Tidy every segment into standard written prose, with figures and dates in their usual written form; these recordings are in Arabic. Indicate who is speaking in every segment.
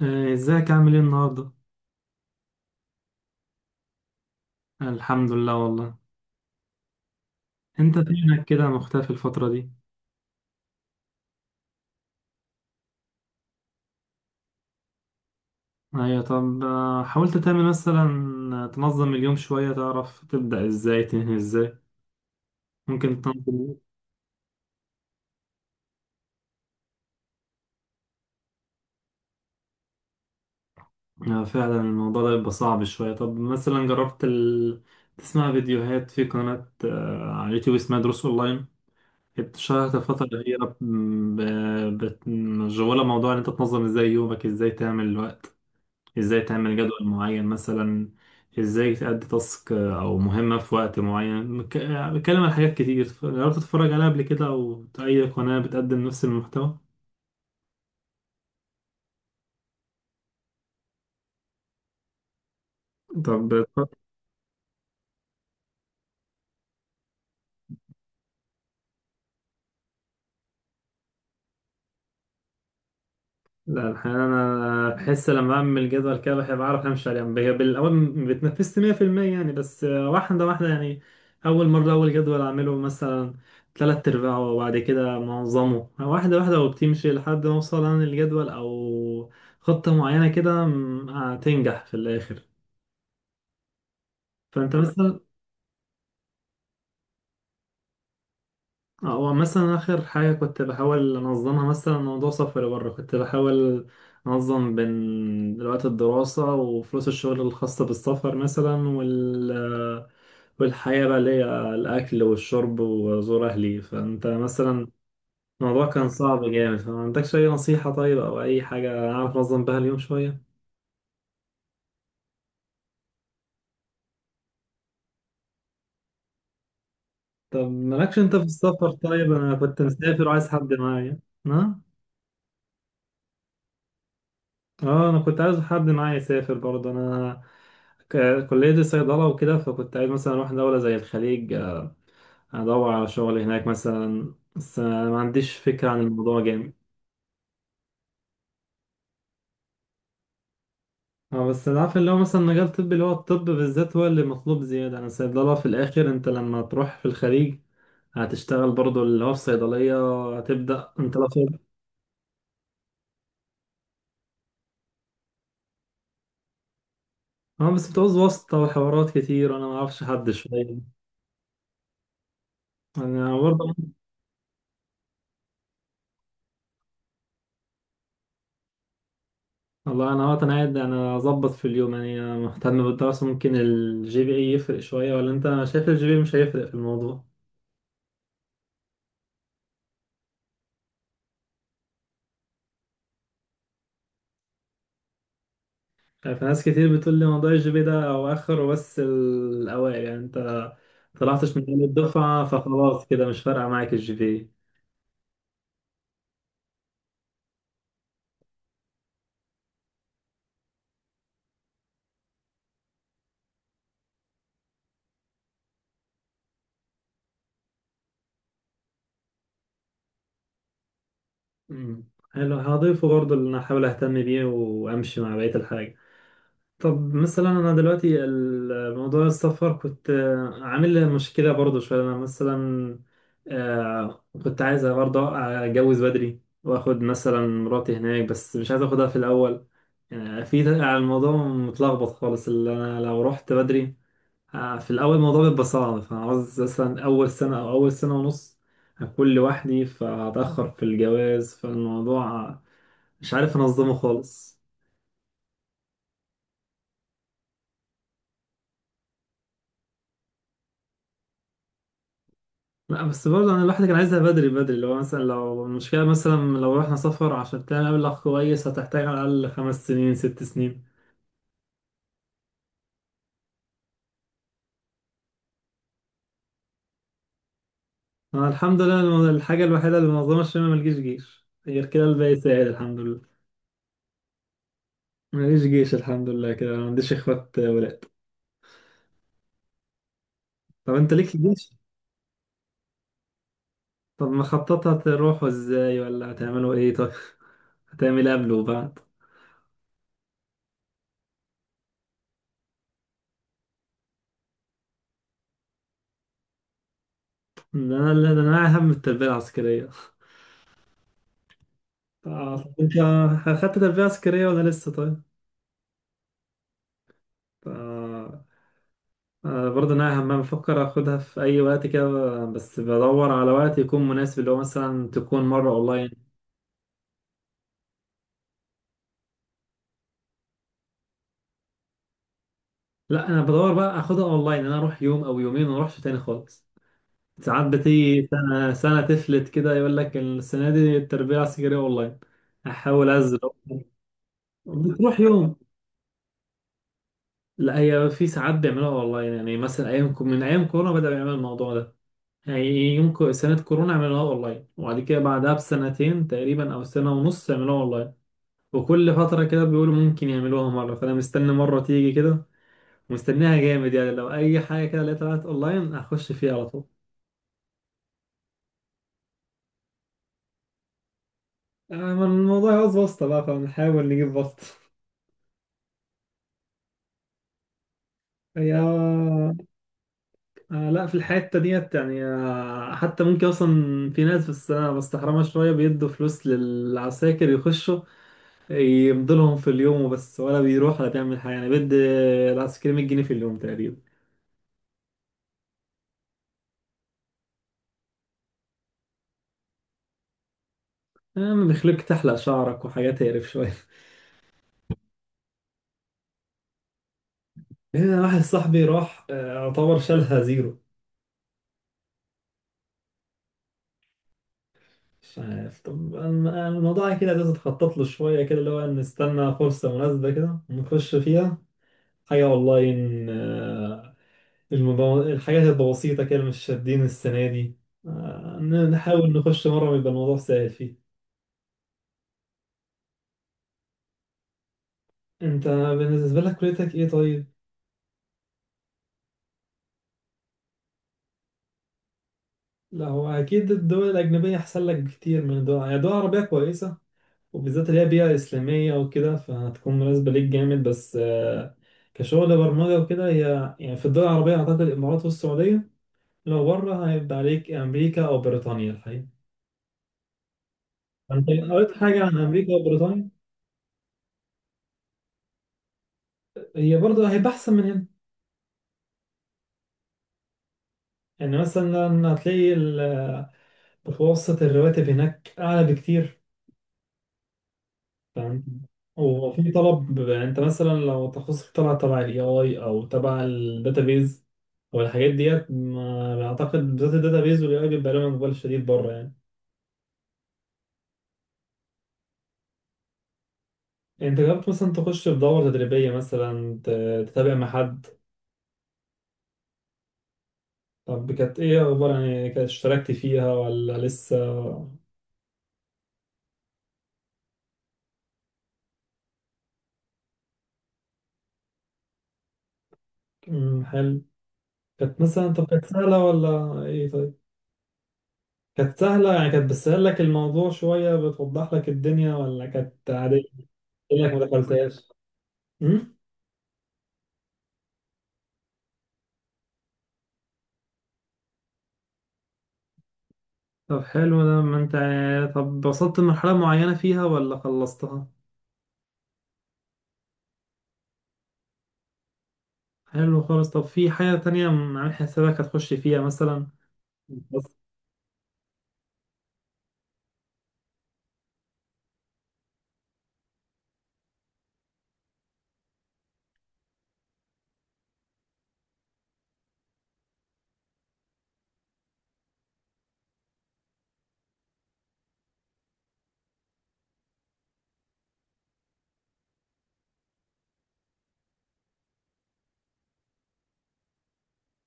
Speaker 1: ازيك عامل ايه النهارده؟ الحمد لله والله. انت فينك كده مختفي الفترة دي؟ ايوه، طب، حاولت تعمل مثلا تنظم اليوم شوية، تعرف تبدأ ازاي تنهي ازاي؟ ممكن تنظم. فعلا الموضوع ده بيبقى صعب شوية. طب مثلا جربت تسمع فيديوهات في قناة على اليوتيوب اسمها دروس اونلاين؟ اتشهرت الفترة الأخيرة مشغولة موضوع ان انت تنظم ازاي يومك، ازاي تعمل الوقت، ازاي تعمل جدول معين مثلا، ازاي تأدي تاسك او مهمة في وقت معين بتكلم عن حاجات كتير، جربت تتفرج عليها قبل كده او اي قناة بتقدم نفس المحتوى؟ طب لا، الحقيقة أنا بحس لما بعمل جدول كده بحب أعرف همشي عليه، يعني بالأول ما بتنفذت 100% يعني، بس واحدة واحدة يعني. أول مرة أول جدول أعمله مثلا تلات أرباعه، وبعد كده منظمه واحدة واحدة، وبتمشي لحد ما أوصل أنا للجدول أو خطة معينة كده، هتنجح في الآخر. فأنت مثلا، هو مثلا آخر حاجة كنت بحاول أنظمها مثلا موضوع سفر بره، كنت بحاول أنظم بين وقت الدراسة وفلوس الشغل الخاصة بالسفر مثلا، والحياة بقى اللي هي الأكل والشرب وزور أهلي. فأنت مثلا الموضوع كان صعب جامد، فما عندكش أي نصيحة طيب أو أي حاجة أعرف أنظم بها اليوم شوية؟ طب مالكش أنت في السفر؟ طيب أنا كنت مسافر وعايز حد معايا. نعم؟ اه انا كنت عايز حد معايا يسافر برضه، انا كلية الصيدلة وكده، فكنت عايز مثلا اروح دولة زي الخليج، ادور على شغل هناك مثلا، بس أنا ما عنديش فكرة عن الموضوع جامد. اه بس أنا عارف اللي هو مثلا مجال طبي اللي هو الطب بالذات هو اللي مطلوب زيادة، انا الصيدلة في الاخر انت لما تروح في الخليج هتشتغل برضه اللي هو في صيدلية. هتبدأ انت لو اه بس بتعوز واسطة وحوارات كتير وانا ما اعرفش حد شوية. انا برضه، والله انا وقت انا قاعد انا اظبط في اليوم، يعني أنا مهتم بالدراسه. ممكن الجي بي اي يفرق شويه، ولا انت شايف الجي بي إيه مش هيفرق في الموضوع؟ يعني في ناس كتير بتقول لي موضوع الجي بي إيه ده اواخر وبس الاوائل، يعني انت طلعتش من أول الدفعه فخلاص كده مش فارقه معاك الجي بي. حلو، هضيفه برضه اللي انا احاول اهتم بيه وامشي مع بقيه الحاجه. طب مثلا انا دلوقتي الموضوع السفر كنت عامل لي مشكله برضه شويه. انا مثلا كنت عايز برضه اتجوز بدري واخد مثلا مراتي هناك، بس مش عايز اخدها في الاول. في الموضوع متلخبط خالص، اللي انا لو رحت بدري في الاول الموضوع بيبقى صعب، فعاوز مثلا اول سنه او اول سنه ونص هكون لوحدي، فهتاخر في الجواز، فالموضوع مش عارف انظمه خالص. لا بس برضه انا الواحد كان عايزها بدري بدري، اللي هو مثلا لو المشكله مثلا لو رحنا سفر عشان تعمل مبلغ كويس هتحتاج على الاقل 5 سنين 6 سنين. انا الحمد لله، الحاجه الوحيده اللي منظمه الشمال ملجيش جيش غير كده، الباقي ساعد الحمد لله. ماليش جيش الحمد لله، كده ما عنديش اخوات ولاد. طب انت ليك جيش؟ طب مخططها تروحوا ازاي ولا هتعملوا ايه طيب؟ هتعمل إيه قبل وبعد؟ ده انا اللي ده انا هم التربيه العسكريه. طب انت اخدت تربيه عسكريه ولا لسه طيب؟ آه، برضه انا هم بفكر اخدها في اي وقت كده، بس بدور على وقت يكون مناسب، اللي هو مثلا تكون مره اونلاين. لا انا بدور بقى اخدها اونلاين، انا اروح يوم او يومين وما اروحش تاني خالص. ساعات بتيجي سنه سنه تفلت كده، يقول لك السنه دي التربيه العسكريه اونلاين. احاول ازل. بتروح يوم؟ لا هي في ساعات بيعملوها اونلاين، يعني مثلا ايام من ايام كورونا بدأوا يعملوا الموضوع ده، يعني يوم سنه كورونا عملوها اونلاين، وبعد كده بعدها بسنتين تقريبا او سنه ونص عملوها اونلاين. وكل فترة كده بيقولوا ممكن يعملوها مرة، فأنا مستني مرة تيجي كده، ومستنيها جامد، يعني لو أي حاجة كده لقيتها طلعت أونلاين هخش فيها على طول. ما الموضوع عاوز واسطة بقى، فنحاول نجيب واسطة. هي لا في الحتة ديت يعني، حتى ممكن أصلا في ناس، بس أنا بستحرمها شوية، بيدوا فلوس للعساكر يخشوا يمضلهم في اليوم وبس، ولا بيروح ولا بيعمل حاجة. يعني بيدي العسكري 100 جنيه في اليوم تقريبا. بيخليك تحلق شعرك وحاجات تقرف شوية. هنا واحد صاحبي راح يعتبر شالها زيرو. مش عارف، طب أنا- الموضوع كده لازم تخطط له شوية كده، اللي هو نستنى فرصة مناسبة كده نخش فيها. حاجة والله إن الحاجات البسيطة كده مش شادين السنة دي. نحاول نخش مرة ويبقى الموضوع سهل فيه. أنت بالنسبة لك كليتك إيه طيب؟ لا هو أكيد الدول الأجنبية أحسن لك بكتير من الدول، يعني الدول العربية كويسة، وبالذات اللي هي بيئة إسلامية وكده فهتكون مناسبة ليك جامد، بس كشغل برمجة وكده هي يعني في الدول العربية أعتقد الإمارات والسعودية، لو بره هيبقى عليك أمريكا أو بريطانيا الحقيقة. فأنت قريت حاجة عن أمريكا وبريطانيا؟ هي برضه هيبقى أحسن من هنا. يعني مثلا هتلاقي متوسط الرواتب هناك أعلى بكتير. تمام. وفي طلب، انت مثلا لو تخصصك طلع تبع الاي اي او تبع الداتابيز او الحاجات ديت، ما اعتقد بالذات الداتابيز والاي اي بيبقى لهم اقبال شديد بره يعني. انت جربت مثلا تخش في دورة تدريبية مثلا تتابع مع حد؟ طب كانت ايه اخبار، يعني كانت اشتركت فيها ولا لسه؟ مم، حلو. كانت مثلا، طب كانت سهلة ولا ايه طيب؟ كانت سهلة يعني، كانت بتسهل لك الموضوع شوية بتوضح لك الدنيا، ولا كانت عادية كأنك ما دخلتهاش؟ طب حلو ده ما انت، طب وصلت لمرحلة معينة فيها ولا خلصتها؟ حلو خالص، طب في حاجة تانية عامل حسابك هتخش فيها مثلا؟ بس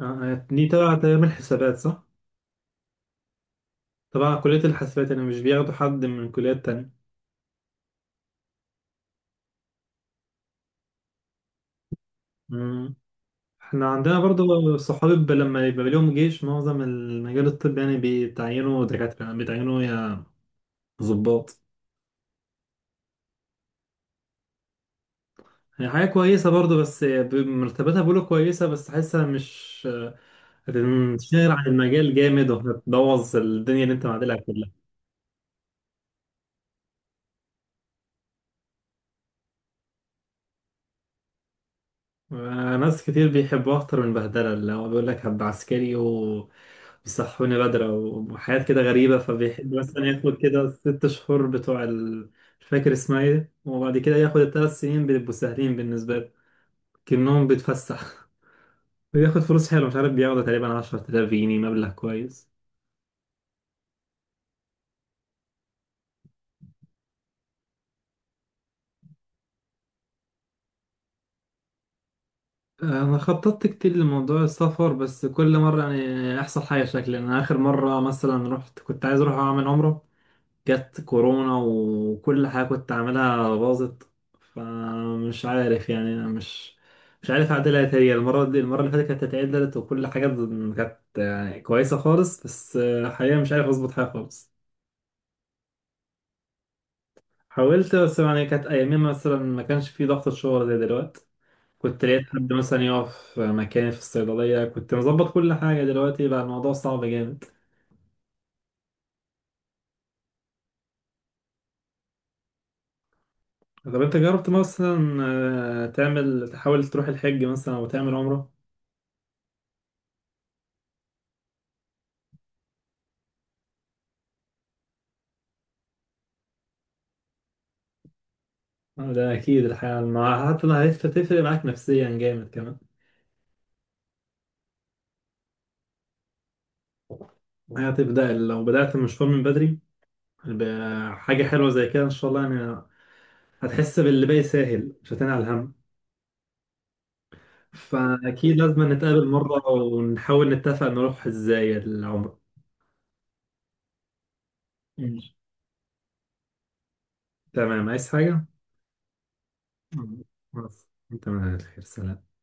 Speaker 1: دي تبع تعمل حسابات صح؟ تبع كلية الحاسبات يعني، مش بياخدوا حد من كليات تانية؟ مم. احنا عندنا برضو صحابي لما يبقى ليهم جيش معظم المجال الطبي يعني بيتعينوا دكاترة، يعني بيتعينوا يا ضباط. يعني حاجة كويسة برضو، بس مرتباتها بيقولوا كويسة، بس حاسة مش هتنشهر عن المجال جامد وهتبوظ الدنيا اللي انت معادلها كلها. ناس كتير بيحبوا اكتر من بهدله، اللي هو بيقول لك هبقى عسكري وبيصحوني بدري وحاجات كده غريبه، فبيحب مثلا ياخد كده 6 شهور بتوع مش فاكر اسمها ايه، وبعد كده ياخد ال3 سنين بيبقوا سهلين بالنسبه له كأنهم بيتفسح. وياخد فلوس حلوه، مش عارف بياخد تقريبا 10000 جنيه، مبلغ كويس. انا خططت كتير لموضوع السفر، بس كل مره يعني احصل حاجه، شكلي انا اخر مره مثلا رحت كنت عايز اروح اعمل عمره، جت كورونا وكل حاجه كنت عاملها باظت. فمش عارف يعني انا مش عارف اعدلها إيه تاني. المره دي المره اللي فاتت كانت اتعدلت وكل حاجه كانت يعني كويسه خالص، بس حقيقه مش عارف اظبط حاجه خالص. حاولت، بس يعني كانت ايامين مثلا ما كانش في ضغط الشغل زي دلوقتي، كنت لقيت حد مثلا يقف مكاني في الصيدلية، كنت مظبط كل حاجة. دلوقتي بقى الموضوع صعب جامد. طب انت جربت مثلا تعمل تحاول تروح الحج مثلا او تعمل عمرة؟ ده اكيد الحقيقة، مع حتى لو هتفرق معاك نفسيا جامد كمان. هتبدأ لو بدأت المشوار من بدري بحاجة حلوة زي كده ان شاء الله يعني، هتحس باللي باقي ساهل مش هتنعي الهم. فأكيد لازم نتقابل مرة ونحاول نتفق نروح ازاي العمرة. ماشي. تمام، عايز حاجة؟ مع السلامة. أنت من أهل الخير، سلام.